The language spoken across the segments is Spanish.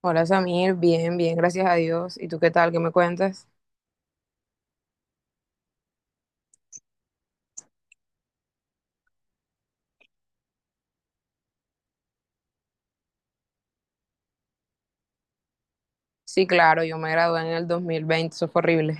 Hola Samir, bien, bien, gracias a Dios. ¿Y tú qué tal? ¿Qué me cuentas? Sí, claro, yo me gradué en el 2020, eso fue horrible.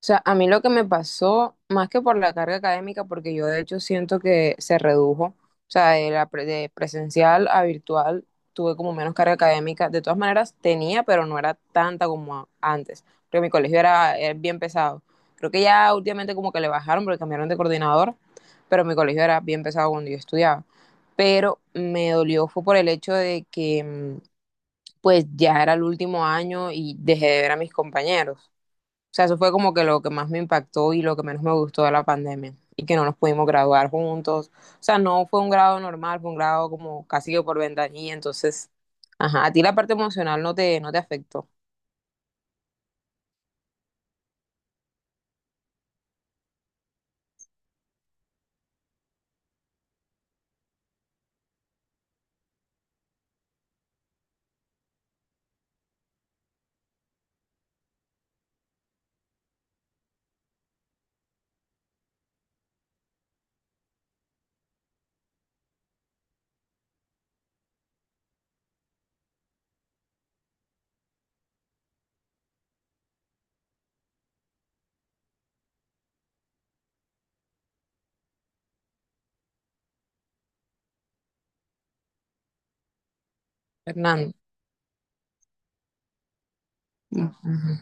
O sea, a mí lo que me pasó, más que por la carga académica, porque yo de hecho siento que se redujo, o sea, de presencial a virtual tuve como menos carga académica. De todas maneras, tenía, pero no era tanta como antes, porque mi colegio era bien pesado. Creo que ya últimamente como que le bajaron porque cambiaron de coordinador, pero mi colegio era bien pesado cuando yo estudiaba. Pero me dolió fue por el hecho de que pues ya era el último año y dejé de ver a mis compañeros. O sea, eso fue como que lo que más me impactó y lo que menos me gustó de la pandemia. Y que no nos pudimos graduar juntos. O sea, no fue un grado normal, fue un grado como casi que por ventanilla. Entonces, ajá, a ti la parte emocional no te afectó. Fernando. Ujú.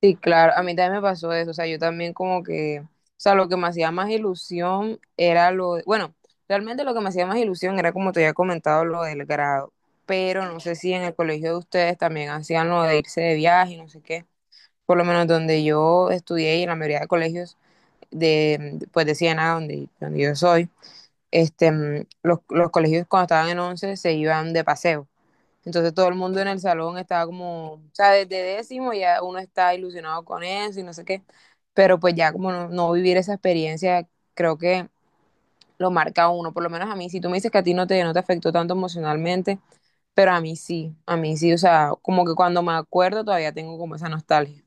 Sí, claro, a mí también me pasó eso. O sea, yo también como que, o sea, lo que me hacía más ilusión era lo, bueno, realmente lo que me hacía más ilusión era como te había comentado lo del grado. Pero no sé si en el colegio de ustedes también hacían lo de irse de viaje, no sé qué. Por lo menos donde yo estudié y en la mayoría de colegios de, pues de Siena, donde yo soy, los colegios cuando estaban en 11 se iban de paseo. Entonces todo el mundo en el salón estaba como, o sea, desde décimo ya uno está ilusionado con eso y no sé qué, pero pues ya como no, no vivir esa experiencia creo que lo marca a uno, por lo menos a mí, si tú me dices que a ti no te afectó tanto emocionalmente, pero a mí sí, o sea, como que cuando me acuerdo todavía tengo como esa nostalgia.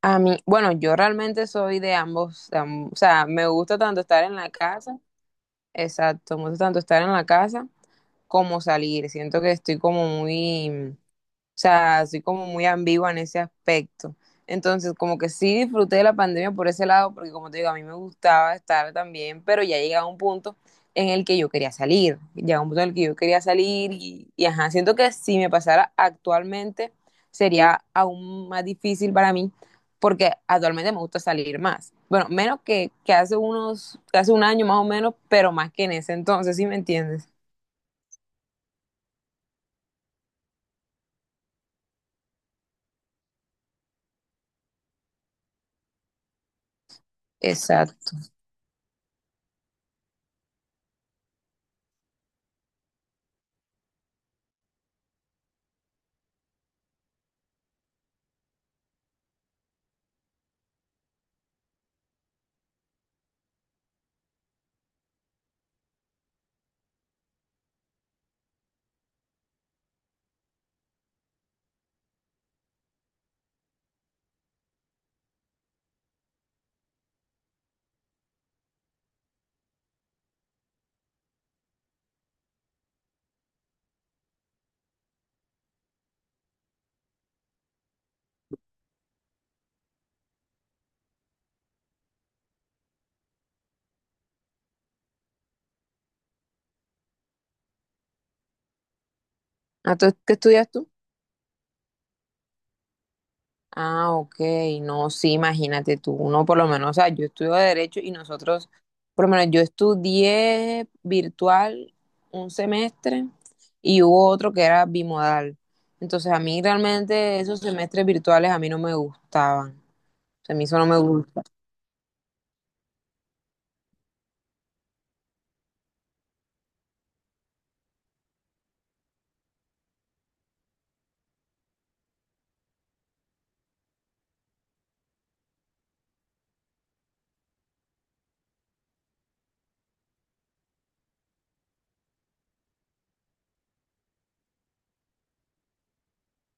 A mí, bueno, yo realmente soy de ambos, o sea, me gusta tanto estar en la casa, exacto, me gusta tanto estar en la casa como salir. Siento que estoy como muy, o sea, soy como muy ambigua en ese aspecto. Entonces, como que sí disfruté de la pandemia por ese lado, porque como te digo, a mí me gustaba estar también, pero ya llegaba un punto en el que yo quería salir, llegaba un punto en el que yo quería salir y ajá, siento que si me pasara actualmente sería aún más difícil para mí, porque actualmente me gusta salir más. Bueno, menos que hace un año más o menos, pero más que en ese entonces, ¿sí me entiendes? Exacto. ¿A tú- qué estudias tú? Ah, ok, no, sí, imagínate tú, uno por lo menos, o sea, yo estudio derecho y nosotros, por lo menos yo estudié virtual un semestre y hubo otro que era bimodal. Entonces a mí realmente esos semestres virtuales a mí no me gustaban, o sea, a mí eso no me gusta.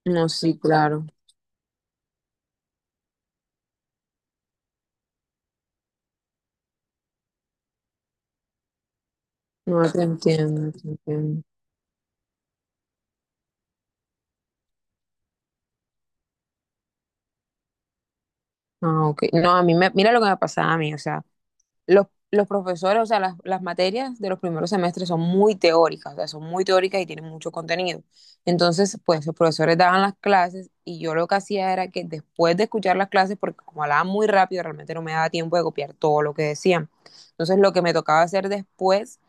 No, sí, claro, no te entiendo, te entiendo. Ah, ok, no, a mí me, mira lo que me pasaba a mí, o sea. Los profesores, o sea, las materias de los primeros semestres son muy teóricas, o sea, son muy teóricas y tienen mucho contenido. Entonces, pues los profesores daban las clases y yo lo que hacía era que después de escuchar las clases, porque como hablaban muy rápido, realmente no me daba tiempo de copiar todo lo que decían. Entonces, lo que me tocaba hacer después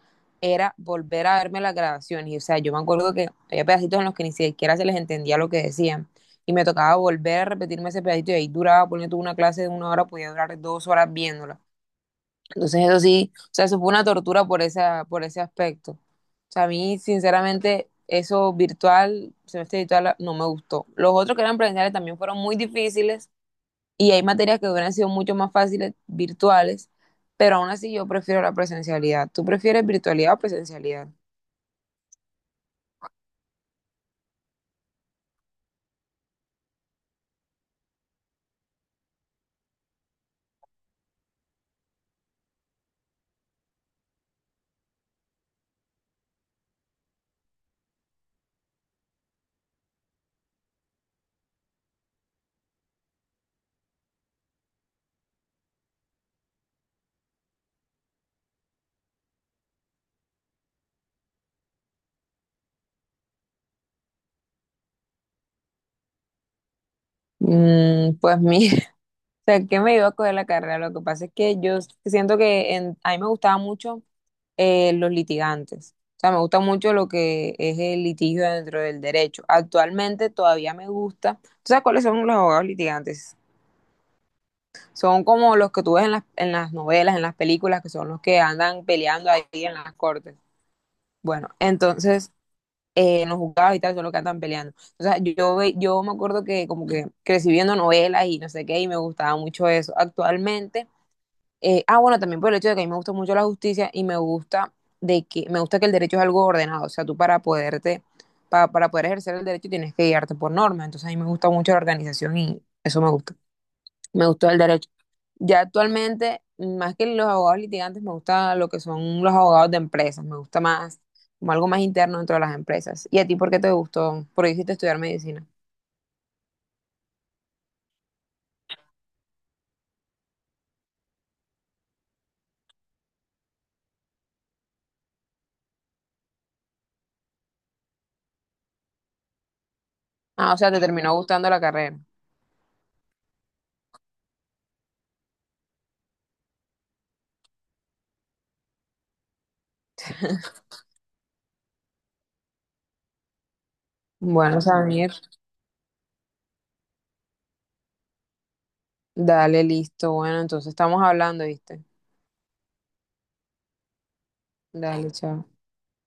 era volver a verme las grabaciones. Y, o sea, yo me acuerdo que había pedacitos en los que ni siquiera se les entendía lo que decían. Y me tocaba volver a repetirme ese pedacito y ahí duraba, poniendo una clase de una hora, podía durar dos horas viéndola. Entonces eso sí, o sea, eso fue una tortura por esa, por ese aspecto. O sea, a mí, sinceramente, eso virtual, semestre virtual, no me gustó. Los otros que eran presenciales también fueron muy difíciles y hay materias que hubieran sido mucho más fáciles virtuales, pero aún así yo prefiero la presencialidad. ¿Tú prefieres virtualidad o presencialidad? Mm, pues mira, o sea, qué me iba a coger la carrera. Lo que pasa es que yo siento que en- a mí me gustaba mucho los litigantes. O sea, me gusta mucho lo que es el litigio dentro del derecho. Actualmente todavía me gusta. ¿Tú sabes cuáles son los abogados litigantes? Son como los que tú ves en en las novelas, en las películas, que son los que andan peleando ahí en las cortes. Bueno, entonces, en los juzgados y tal, son los que andan peleando. O sea, yo, yo me acuerdo que como que crecí viendo novelas y no sé qué, y me gustaba mucho eso. Actualmente bueno, también por el hecho de que a mí me gusta mucho la justicia y me gusta de que me gusta que el derecho es algo ordenado, o sea, tú para poderte para poder ejercer el derecho tienes que guiarte por normas, entonces a mí me gusta mucho la organización y eso me gusta. Me gustó el derecho. Ya actualmente, más que los abogados litigantes, me gusta lo que son los abogados de empresas, me gusta más como algo más interno dentro de las empresas. ¿Y a ti por qué te gustó? ¿Por qué hiciste estudiar medicina? Ah, o sea, te terminó gustando la carrera. Bueno, Samir, dale, listo. Bueno, entonces estamos hablando, ¿viste? Dale, chao.